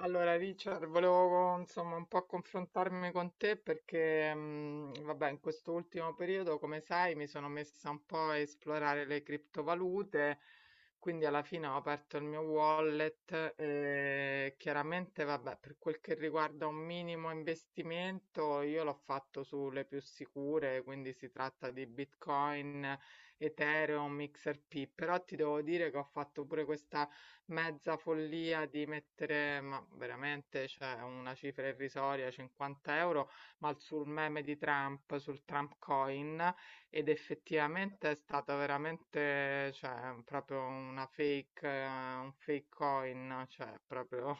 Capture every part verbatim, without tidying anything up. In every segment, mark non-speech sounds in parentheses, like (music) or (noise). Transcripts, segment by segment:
Allora, Richard, volevo insomma un po' confrontarmi con te perché, mh, vabbè, in questo ultimo periodo, come sai, mi sono messa un po' a esplorare le criptovalute, quindi alla fine ho aperto il mio wallet e chiaramente, vabbè, per quel che riguarda un minimo investimento, io l'ho fatto sulle più sicure, quindi si tratta di Bitcoin, Ethereum, X R P, però ti devo dire che ho fatto pure questa mezza follia di mettere, ma veramente, cioè una cifra irrisoria, cinquanta euro, ma sul meme di Trump, sul Trump coin, ed effettivamente è stata veramente, cioè, proprio una fake, eh, un fake coin, cioè, proprio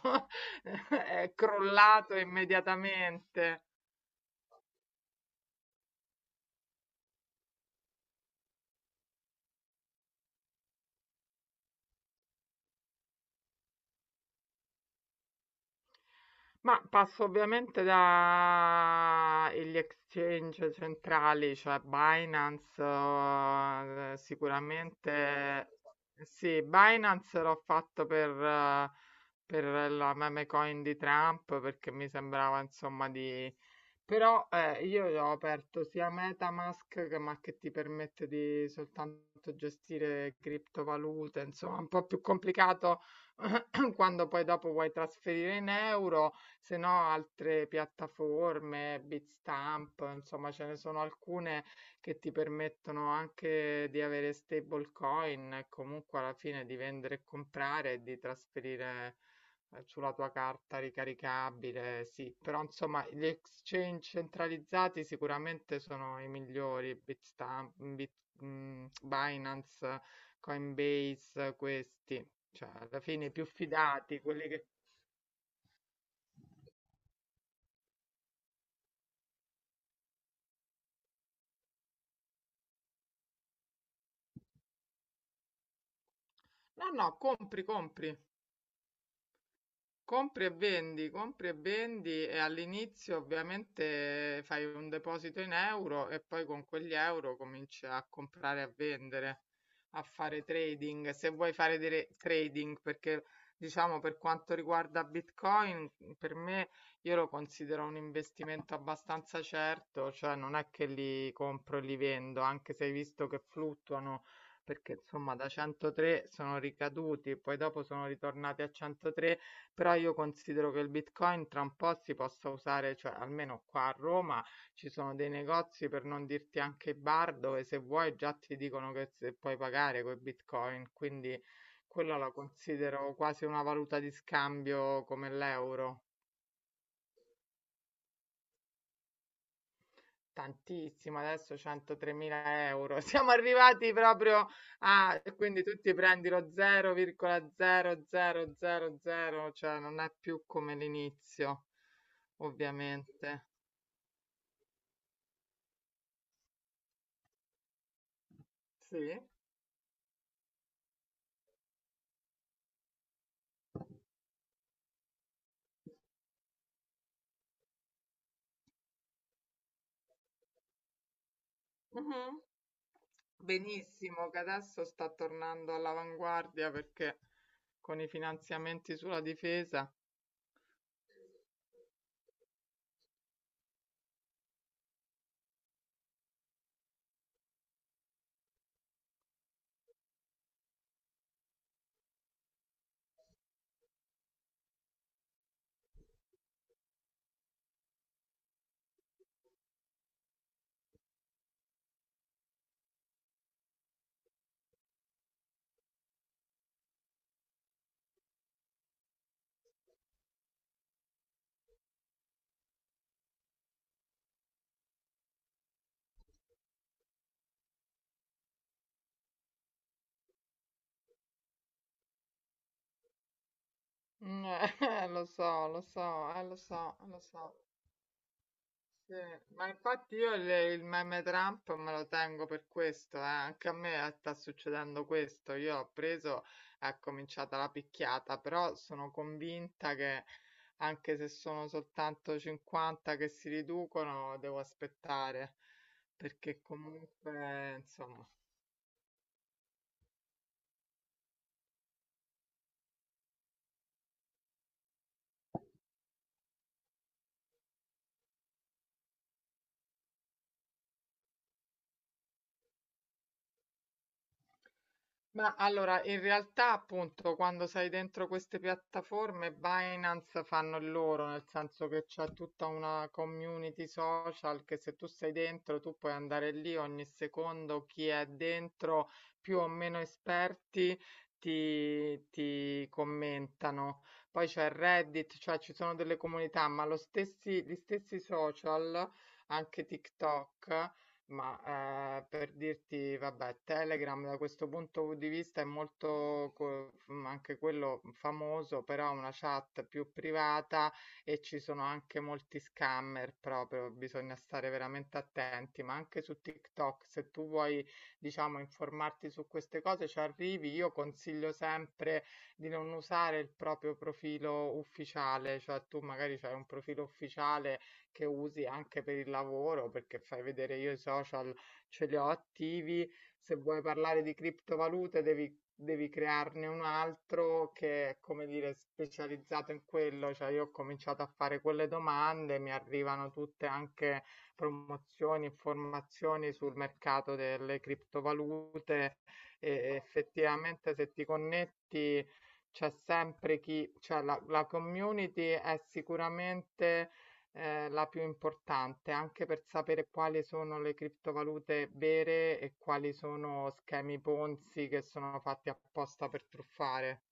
(laughs) è crollato immediatamente. Ma passo ovviamente da e gli exchange centrali, cioè Binance, eh, sicuramente sì, Binance l'ho fatto per, eh, per la meme coin di Trump perché mi sembrava insomma di... Però eh, io ho aperto sia MetaMask che, ma che ti permette di soltanto gestire criptovalute, insomma, un po' più complicato (clears throat) quando poi dopo vuoi trasferire in euro. Se no, altre piattaforme, Bitstamp, insomma, ce ne sono alcune che ti permettono anche di avere stablecoin e comunque alla fine di vendere e comprare e di trasferire eh, sulla tua carta ricaricabile, sì, però insomma gli exchange centralizzati sicuramente sono i migliori, Bitstamp, mm, Bit, mm, Binance, Coinbase, questi, cioè alla fine i più fidati, quelli che... No, no, compri, compri. Compri e vendi, compri e vendi, e all'inizio ovviamente fai un deposito in euro e poi con quegli euro cominci a comprare e a vendere, a fare trading. Se vuoi fare dire- trading, perché diciamo per quanto riguarda Bitcoin, per me io lo considero un investimento abbastanza certo, cioè non è che li compro e li vendo, anche se hai visto che fluttuano, perché insomma da centotré sono ricaduti, poi dopo sono ritornati a centotré, però io considero che il Bitcoin tra un po' si possa usare, cioè almeno qua a Roma ci sono dei negozi, per non dirti anche i bar, dove se vuoi già ti dicono che se puoi pagare con Bitcoin, quindi quella la considero quasi una valuta di scambio come l'euro. Tantissimo, adesso centotremila euro. (laughs) Siamo arrivati proprio a... E quindi tu ti prendi lo zero virgola zero zero zero zero, cioè non è più come l'inizio, ovviamente. Sì. Mh-mh. Benissimo, che adesso sta tornando all'avanguardia perché con i finanziamenti sulla difesa. Mh, (laughs) eh, lo so, lo so, eh, lo so, lo so. Sì, ma infatti io il, il meme Trump me lo tengo per questo, eh. Anche a me sta succedendo questo. Io ho preso, è cominciata la picchiata, però sono convinta che anche se sono soltanto cinquanta che si riducono, devo aspettare, perché comunque, insomma. Ma allora, in realtà appunto quando sei dentro queste piattaforme, Binance fanno il loro, nel senso che c'è tutta una community social che se tu sei dentro tu puoi andare lì ogni secondo, chi è dentro, più o meno esperti, ti, ti commentano. Poi c'è Reddit, cioè ci sono delle comunità, ma lo stessi, gli stessi social, anche TikTok. Ma eh, per dirti, vabbè, Telegram da questo punto di vista è molto co- mh, anche quello famoso, però è una chat più privata e ci sono anche molti scammer proprio, bisogna stare veramente attenti, ma anche su TikTok, se tu vuoi, diciamo, informarti su queste cose, ci arrivi. Io consiglio sempre di non usare il proprio profilo ufficiale, cioè tu magari hai un profilo ufficiale che usi anche per il lavoro, perché fai vedere io i social ce li ho attivi. Se vuoi parlare di criptovalute, devi, devi crearne un altro che è, come dire, specializzato in quello. Cioè, io ho cominciato a fare quelle domande, mi arrivano tutte anche promozioni, informazioni sul mercato delle criptovalute, e effettivamente se ti connetti c'è sempre chi, cioè la, la community è sicuramente eh, la più importante, anche per sapere quali sono le criptovalute vere e quali sono schemi Ponzi che sono fatti apposta per truffare.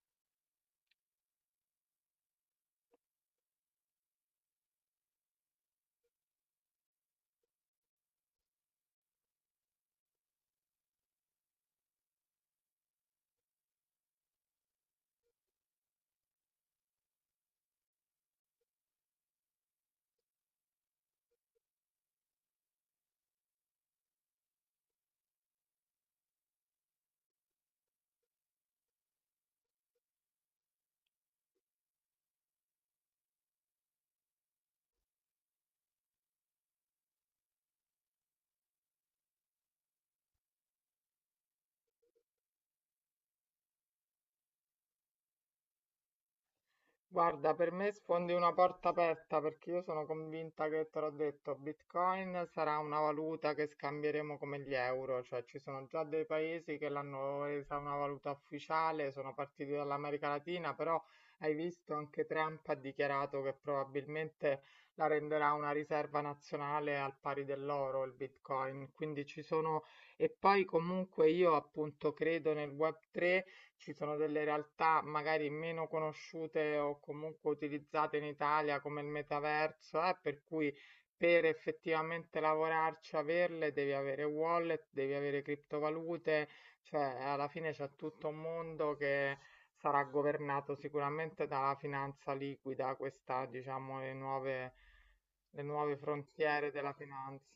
Guarda, per me sfondi una porta aperta perché io sono convinta, che te l'ho detto, Bitcoin sarà una valuta che scambieremo come gli euro, cioè ci sono già dei paesi che l'hanno resa una valuta ufficiale, sono partiti dall'America Latina, però hai visto anche Trump ha dichiarato che probabilmente la renderà una riserva nazionale al pari dell'oro, il Bitcoin, quindi ci sono, e poi comunque io appunto credo nel Web tre, ci sono delle realtà magari meno conosciute o comunque utilizzate in Italia come il metaverso, eh, per cui per effettivamente lavorarci, averle, devi avere wallet, devi avere criptovalute, cioè alla fine c'è tutto un mondo che sarà governato sicuramente dalla finanza liquida, questa, diciamo, le nuove, le nuove frontiere della finanza.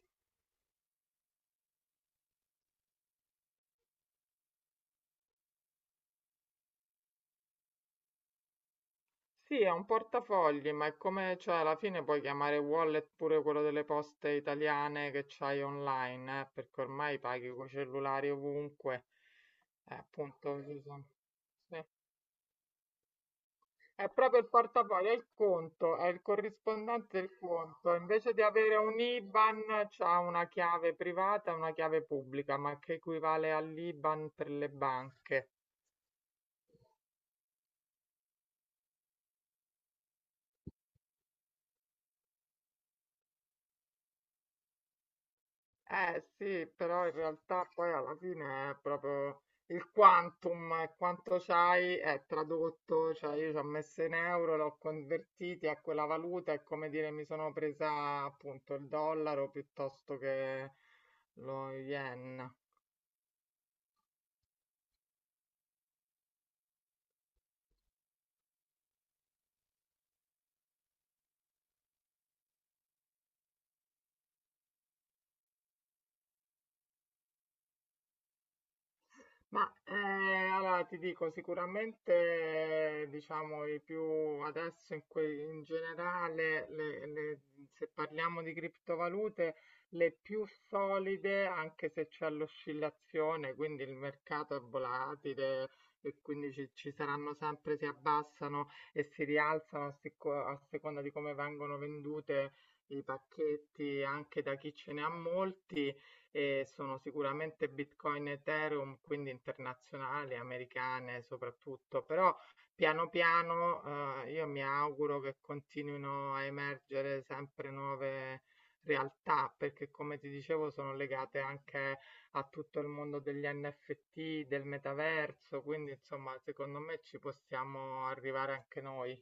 Sì, è un portafogli, ma è come, cioè, alla fine puoi chiamare wallet pure quello delle poste italiane che c'hai online, eh, perché ormai paghi con cellulari ovunque. Eh, appunto, ci sono- sì. È proprio il portafoglio, è il conto, è il corrispondente del conto. Invece di avere un IBAN, c'ha una chiave privata e una chiave pubblica, ma che equivale all'IBAN per le banche. Eh sì, però in realtà poi alla fine è proprio il quantum, è quanto c'hai è tradotto, cioè io ci ho messo in euro, l'ho convertiti a quella valuta, è come dire mi sono presa appunto il dollaro piuttosto che lo yen. Ma eh, allora ti dico, sicuramente eh, diciamo i più adesso in, que- in generale, le- le- se parliamo di criptovalute, le più solide, anche se c'è l'oscillazione, quindi il mercato è volatile e quindi ci, ci saranno sempre, si abbassano e si rialzano a, sic- a seconda di come vengono vendute i pacchetti anche da chi ce ne ha molti, e sono sicuramente Bitcoin e Ethereum, quindi internazionali, americane soprattutto, però piano piano eh, io mi auguro che continuino a emergere sempre nuove realtà, perché come ti dicevo sono legate anche a tutto il mondo degli N F T, del metaverso, quindi insomma secondo me ci possiamo arrivare anche noi.